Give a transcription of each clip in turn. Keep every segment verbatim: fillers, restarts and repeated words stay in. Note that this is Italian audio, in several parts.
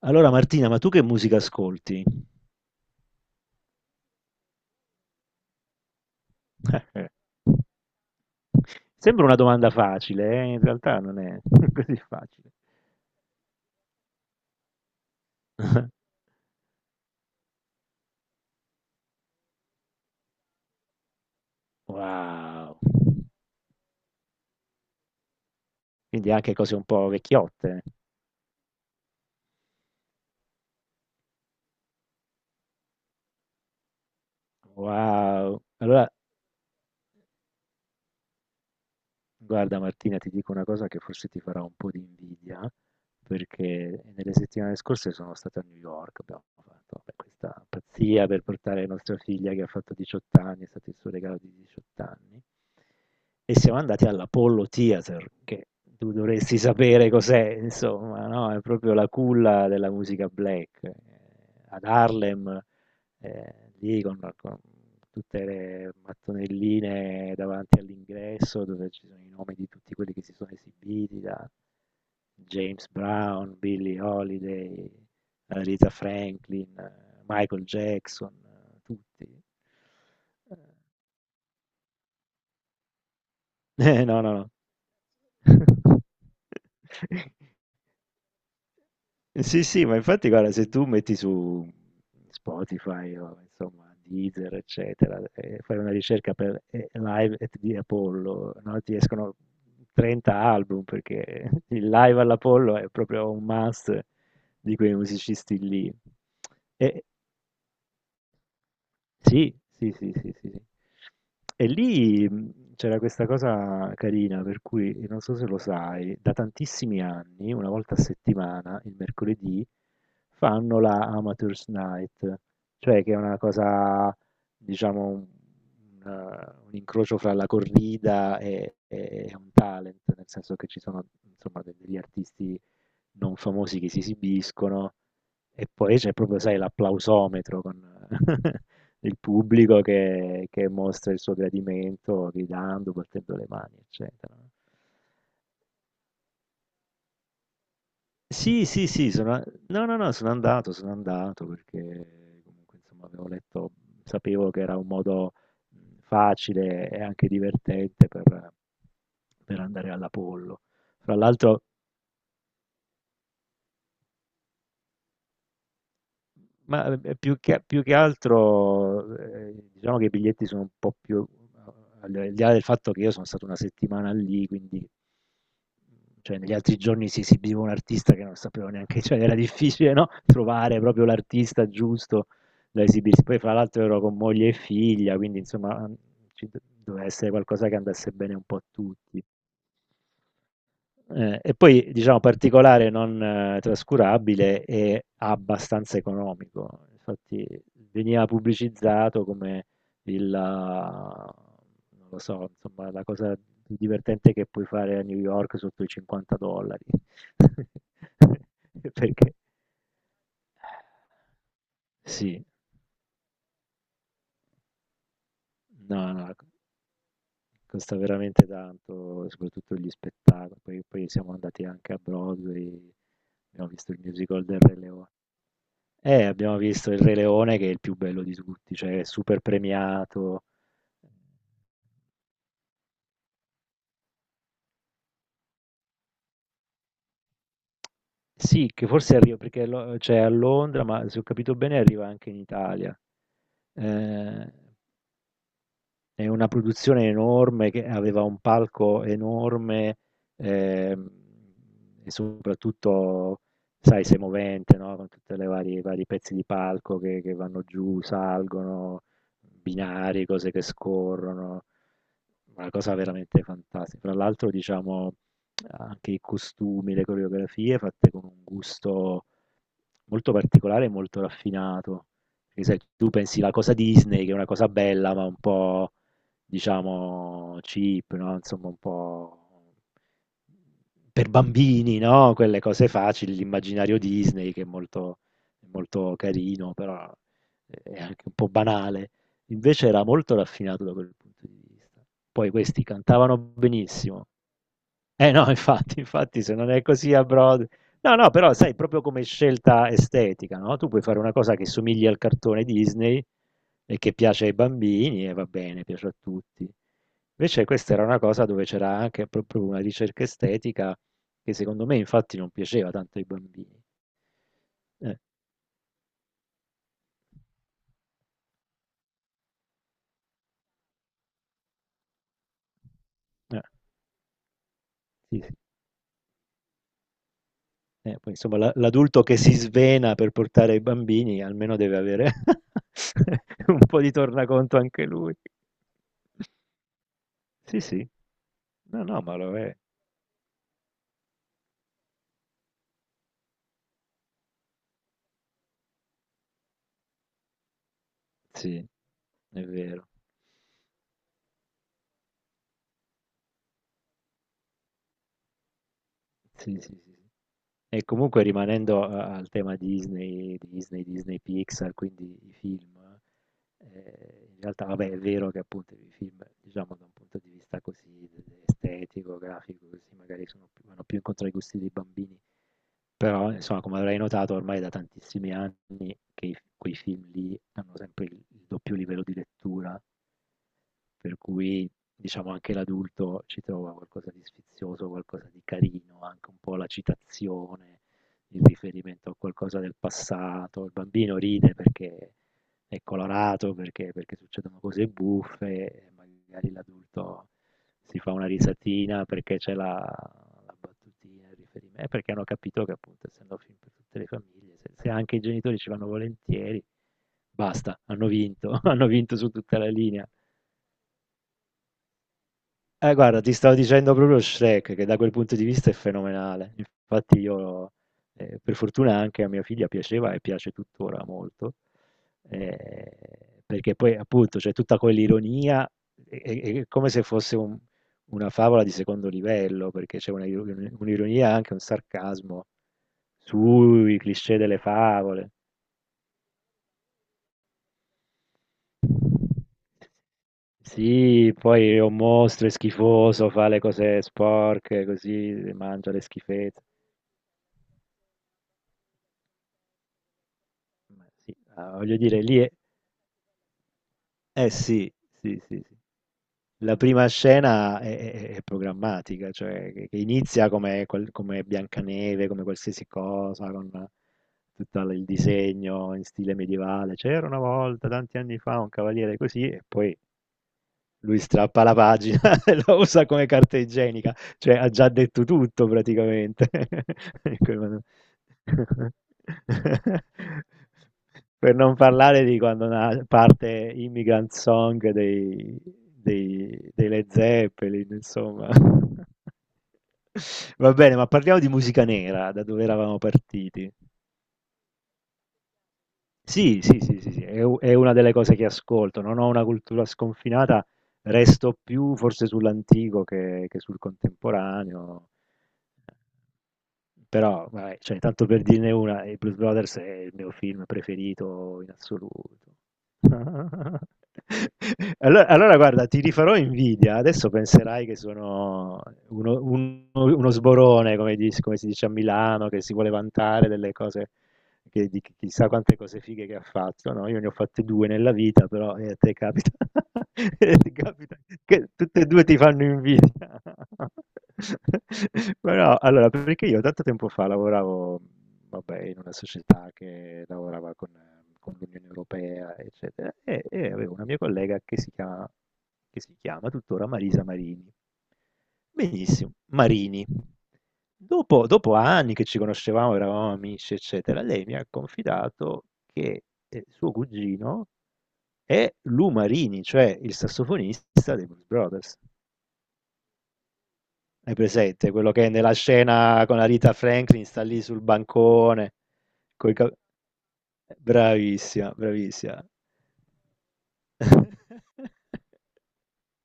Allora Martina, ma tu che musica ascolti? Sembra una domanda facile. eh, In realtà non è così facile. Wow. Quindi anche cose un po' vecchiotte. Eh. Wow. Allora, guarda Martina, ti dico una cosa che forse ti farà un po' di invidia, perché nelle settimane scorse sono stato a New York. Abbiamo fatto, vabbè, questa pazzia per portare nostra figlia che ha fatto diciotto anni. È stato il suo regalo di diciotto anni, e siamo andati all'Apollo Theater, che tu dovresti sapere cos'è, insomma, no? È proprio la culla della musica black, eh, ad Harlem, eh, lì con, con tutte le mattonelline davanti all'ingresso dove ci sono i nomi di tutti quelli che si sono esibiti, da James Brown, Billie Holiday, eh, Aretha Franklin, eh, Michael Jackson, eh, tutti. Eh, no, no, no. Sì, sì, ma infatti guarda, se tu metti su Spotify, o insomma Deezer, eccetera, e fai una ricerca per eh, Live at the Apollo, no? Ti escono trenta album perché il live all'Apollo è proprio un must di quei musicisti lì. E sì, sì, sì, sì, sì, sì. E lì, mh, c'era questa cosa carina, per cui non so se lo sai, da tantissimi anni, una volta a settimana, il mercoledì, fanno la Amateurs Night, cioè che è una cosa, diciamo, un, una- un incrocio fra la corrida e, e un talent, nel senso che ci sono, insomma, de- degli artisti non famosi che si esibiscono, e poi c'è proprio, sai, l'applausometro con il pubblico che, che mostra il suo gradimento gridando, battendo le mani, eccetera. Sì, sì, sì, sono, no, no, no, sono andato, sono andato perché comunque insomma avevo letto, sapevo che era un modo, mh, facile e anche divertente per, per andare all'Apollo. Fra l'altro Ma eh, più che, più che altro, eh, diciamo che i biglietti sono un po' più, al al di là del fatto che io sono stato una settimana lì, quindi, cioè, negli altri giorni si esibiva un artista che non sapevo neanche, cioè era difficile, no? Trovare proprio l'artista giusto da esibirsi. Poi fra l'altro ero con moglie e figlia, quindi insomma ci do- doveva essere qualcosa che andasse bene un po' a tutti. Eh, e poi, diciamo, particolare non eh, trascurabile, è abbastanza economico. Infatti, veniva pubblicizzato come il, ah, non lo so, insomma, la cosa più divertente che puoi fare a New York sotto i cinquanta dollari. Perché sì, no, no, costa veramente tanto, soprattutto gli spettacoli. Poi, poi siamo andati anche a Broadway, abbiamo visto il musical del Re Leone. Eh, abbiamo visto Il Re Leone, che è il più bello di tutti, cioè è super premiato. Sì, che forse arriva perché lo- cioè, a Londra, ma se ho capito bene arriva anche in Italia. Eh, è una produzione enorme che aveva un palco enorme, ehm, e soprattutto, sai, sei movente, no? Con tutti i vari vari pezzi di palco che, che vanno giù, salgono, binari, cose che scorrono. Una cosa veramente fantastica. Fra l'altro, diciamo, anche i costumi, le coreografie fatte con un gusto molto particolare e molto raffinato. Perché sai, tu pensi la cosa Disney, che è una cosa bella, ma un po', diciamo, cheap, no? Insomma, un po' per bambini, no? Quelle cose facili, l'immaginario Disney che è molto, molto carino, però è anche un po' banale. Invece era molto raffinato da quel punto di vista. Poi questi cantavano benissimo, eh no, infatti, infatti se non è così a Broadway. No, no, però sai, proprio come scelta estetica, no? Tu puoi fare una cosa che somigli al cartone Disney e che piace ai bambini e va bene, piace a tutti. Invece questa era una cosa dove c'era anche proprio una ricerca estetica che secondo me infatti non piaceva tanto ai bambini. Eh, eh, sì, sì. Eh, poi, insomma, la- l'adulto che si svena per portare i bambini almeno deve avere un po' di tornaconto anche lui. Sì, sì. No, no, ma lo è. Sì, è vero. Sì, sì, sì, sì. E comunque rimanendo a- al tema Disney, Disney, Disney Pixar, quindi i film, eh, in realtà, vabbè, è vero che appunto i film, diciamo, da un punto di vista così estetico, grafico, così magari sono più- vanno più incontro ai gusti dei bambini. Però, insomma, come avrai notato, ormai è da tantissimi anni che i- quei film lì hanno sempre il il doppio livello di lettura. Per cui, diciamo, anche l'adulto ci trova qualcosa di sfizioso, qualcosa di carino, anche un po' la citazione, il riferimento a qualcosa del passato. Il bambino ride perché è colorato, perché, perché succedono cose buffe, e magari l'adulto si fa una risatina perché c'è la, la battutina, il riferimento, e perché hanno capito che appunto, essendo film per tutte le famiglie, se, se anche i genitori ci vanno volentieri, basta, hanno vinto, hanno vinto su tutta la linea. Eh, guarda, ti stavo dicendo proprio Shrek, che da quel punto di vista è fenomenale. Infatti io, eh, per fortuna, anche a mia figlia piaceva e piace tuttora molto, eh, perché poi appunto c'è tutta quell'ironia, è, è- è come se fosse un- una favola di secondo livello, perché c'è una- un'ironia e anche un sarcasmo sui cliché delle favole. Sì, poi è un mostro, è schifoso, fa le cose sporche, così, mangia le schifezze. Ma sì, ah, voglio dire, lì è... Eh sì, sì, sì, sì. La prima scena è, è- è programmatica, cioè che, che inizia come, qual- come Biancaneve, come qualsiasi cosa, con tutto il disegno in stile medievale. C'era una volta, tanti anni fa, un cavaliere così, e poi lui strappa la pagina e la usa come carta igienica, cioè ha già detto tutto praticamente. In Quel- modo. Per non parlare di quando na- parte Immigrant Song dei, dei, dei Led Zeppelin, insomma. Va bene, ma parliamo di musica nera, da dove eravamo partiti. Sì, sì, sì, sì, sì, è u è una delle cose che ascolto. Non ho una cultura sconfinata, resto più forse sull'antico che che sul contemporaneo. Però vabbè, cioè tanto per dirne una, i Blues Brothers è il mio film preferito in assoluto. Allo allora guarda, ti rifarò invidia, adesso penserai che sono uno uno uno sborone, come dis come si dice a Milano, che si vuole vantare delle cose che di chi chissà quante cose fighe che ha fatto. No, io ne ho fatte due nella vita, però, eh, a te capita e ti capita che tutte e due ti fanno invidia. Però allora, perché io tanto tempo fa lavoravo, vabbè, in una società che lavorava con eh, con l'Unione Europea, eccetera, e e avevo una mia collega che si chiama che si chiama tuttora Marisa Marini. Benissimo, Marini. Dopo, dopo anni che ci conoscevamo, eravamo amici, eccetera, lei mi ha confidato che eh, suo cugino è Lou Marini, cioè il sassofonista dei Blues Brothers. Hai presente quello che nella scena con la Rita Franklin sta lì sul bancone? coi cap- Bravissima, bravissima.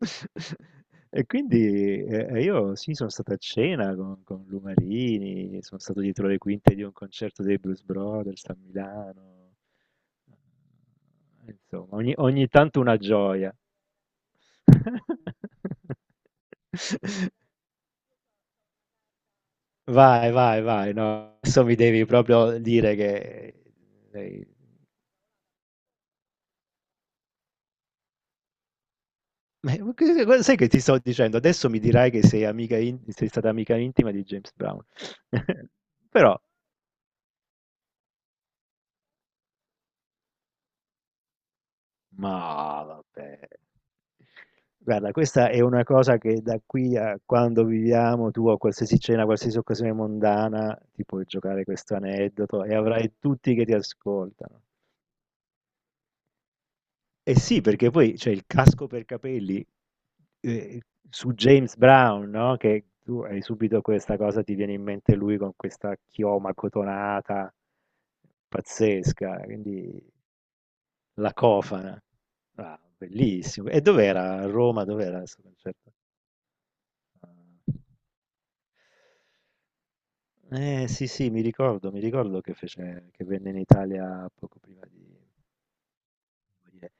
E quindi eh, eh, io sì, sono stato a cena con, con Lumarini, sono stato dietro le quinte di un concerto dei Blues Brothers a Milano. Insomma, ogni, ogni tanto una gioia. Vai, vai, vai, no, adesso mi devi proprio dire che... sei- eh, Ma che- che- sai che ti sto dicendo? Adesso mi dirai che sei amica in- sei stata amica intima di James Brown. Però... Ma vabbè. Guarda, questa è una cosa che, da qui a quando viviamo, tu a qualsiasi cena, qualsiasi occasione mondana, ti puoi giocare questo aneddoto e avrai tutti che ti ascoltano. E sì, perché poi c'è il casco per capelli, eh, su James Brown, no? Che tu hai subito questa cosa, ti viene in mente lui con questa chioma cotonata pazzesca, quindi la cofana. Ah, bellissimo. E dov'era? A Roma, dov'era questo concerto? Ah. Eh sì, sì, mi ricordo, mi ricordo che fece, che venne in Italia poco prima di morire.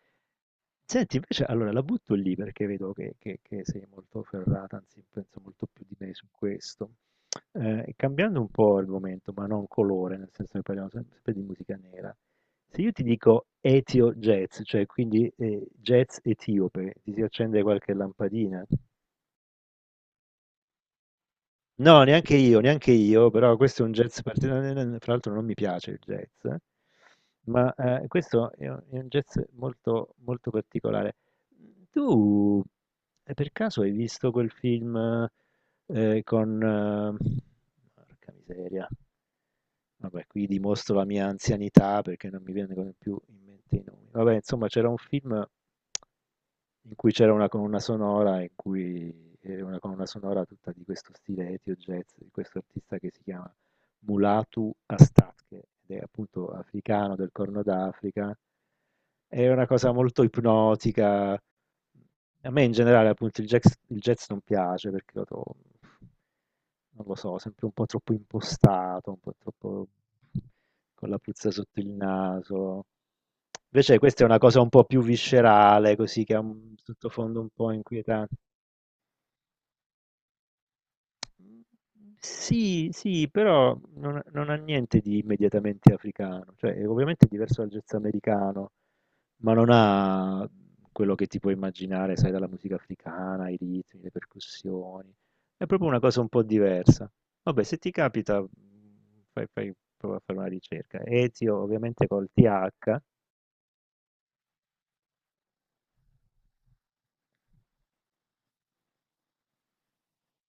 Senti, invece, allora la butto lì perché vedo che, che- che sei molto ferrata, anzi penso molto più di me su questo. Eh, cambiando un po' argomento, ma non colore, nel senso che parliamo sempre sempre di musica nera. Se io ti dico etio jazz, cioè quindi eh, jazz etiope, ti si accende qualche lampadina? No, neanche io, neanche io, però questo è un jazz particolare. Fra l'altro non mi piace il jazz, eh. Ma eh, questo è un, è un jazz molto, molto particolare. Tu eh, per caso hai visto quel film? Ehm, con Eh, porca miseria. Vabbè, qui dimostro la mia anzianità perché non mi vengono più in mente i nomi. Vabbè, insomma, c'era un film in cui c'era una colonna sonora in cui era una colonna sonora tutta di questo stile ethio jazz, di questo artista che si chiama Mulatu Astake, ed è appunto africano del Corno d'Africa. È una cosa molto ipnotica. A me in generale appunto il jazz, il jazz non piace perché lo trovo, non lo so, sempre un po' troppo impostato, un po' troppo con la puzza sotto il naso. Invece questa è una cosa un po' più viscerale, così, che ha un sottofondo un po' inquietante. Sì, sì, però non, non ha niente di immediatamente africano, cioè è ovviamente diverso dal jazz americano. Ma non ha quello che ti puoi immaginare, sai, dalla musica africana, i ritmi, le percussioni. È proprio una cosa un po' diversa. Vabbè, se ti capita, fai, fai- prova a fare una ricerca. Etio, ovviamente col T H.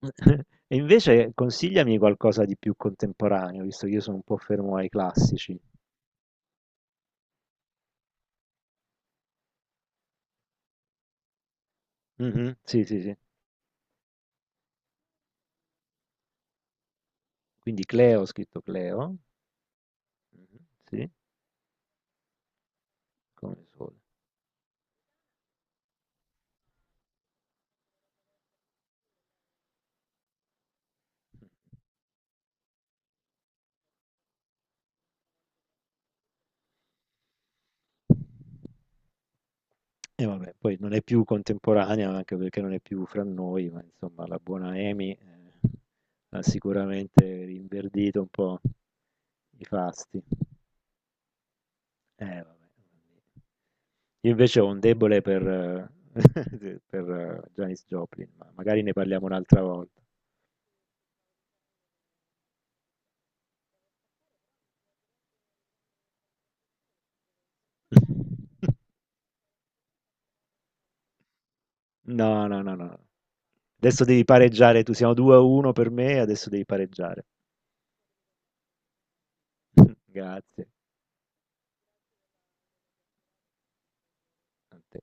E invece consigliami qualcosa di più contemporaneo, visto che io sono un po' fermo ai classici. Mhm, sì, sì, sì. Quindi Cleo, ho scritto Cleo. Mhm, sì, come sole. E vabbè, poi non è più contemporanea, anche perché non è più fra noi, ma insomma la buona Amy, eh, ha sicuramente rinverdito un po' i fasti. Eh, vabbè. Io invece ho un debole per eh, per eh, Janis Joplin, ma magari ne parliamo un'altra volta. No, no, no, no. Adesso devi pareggiare, tu siamo due a uno per me, adesso devi pareggiare. Grazie a te.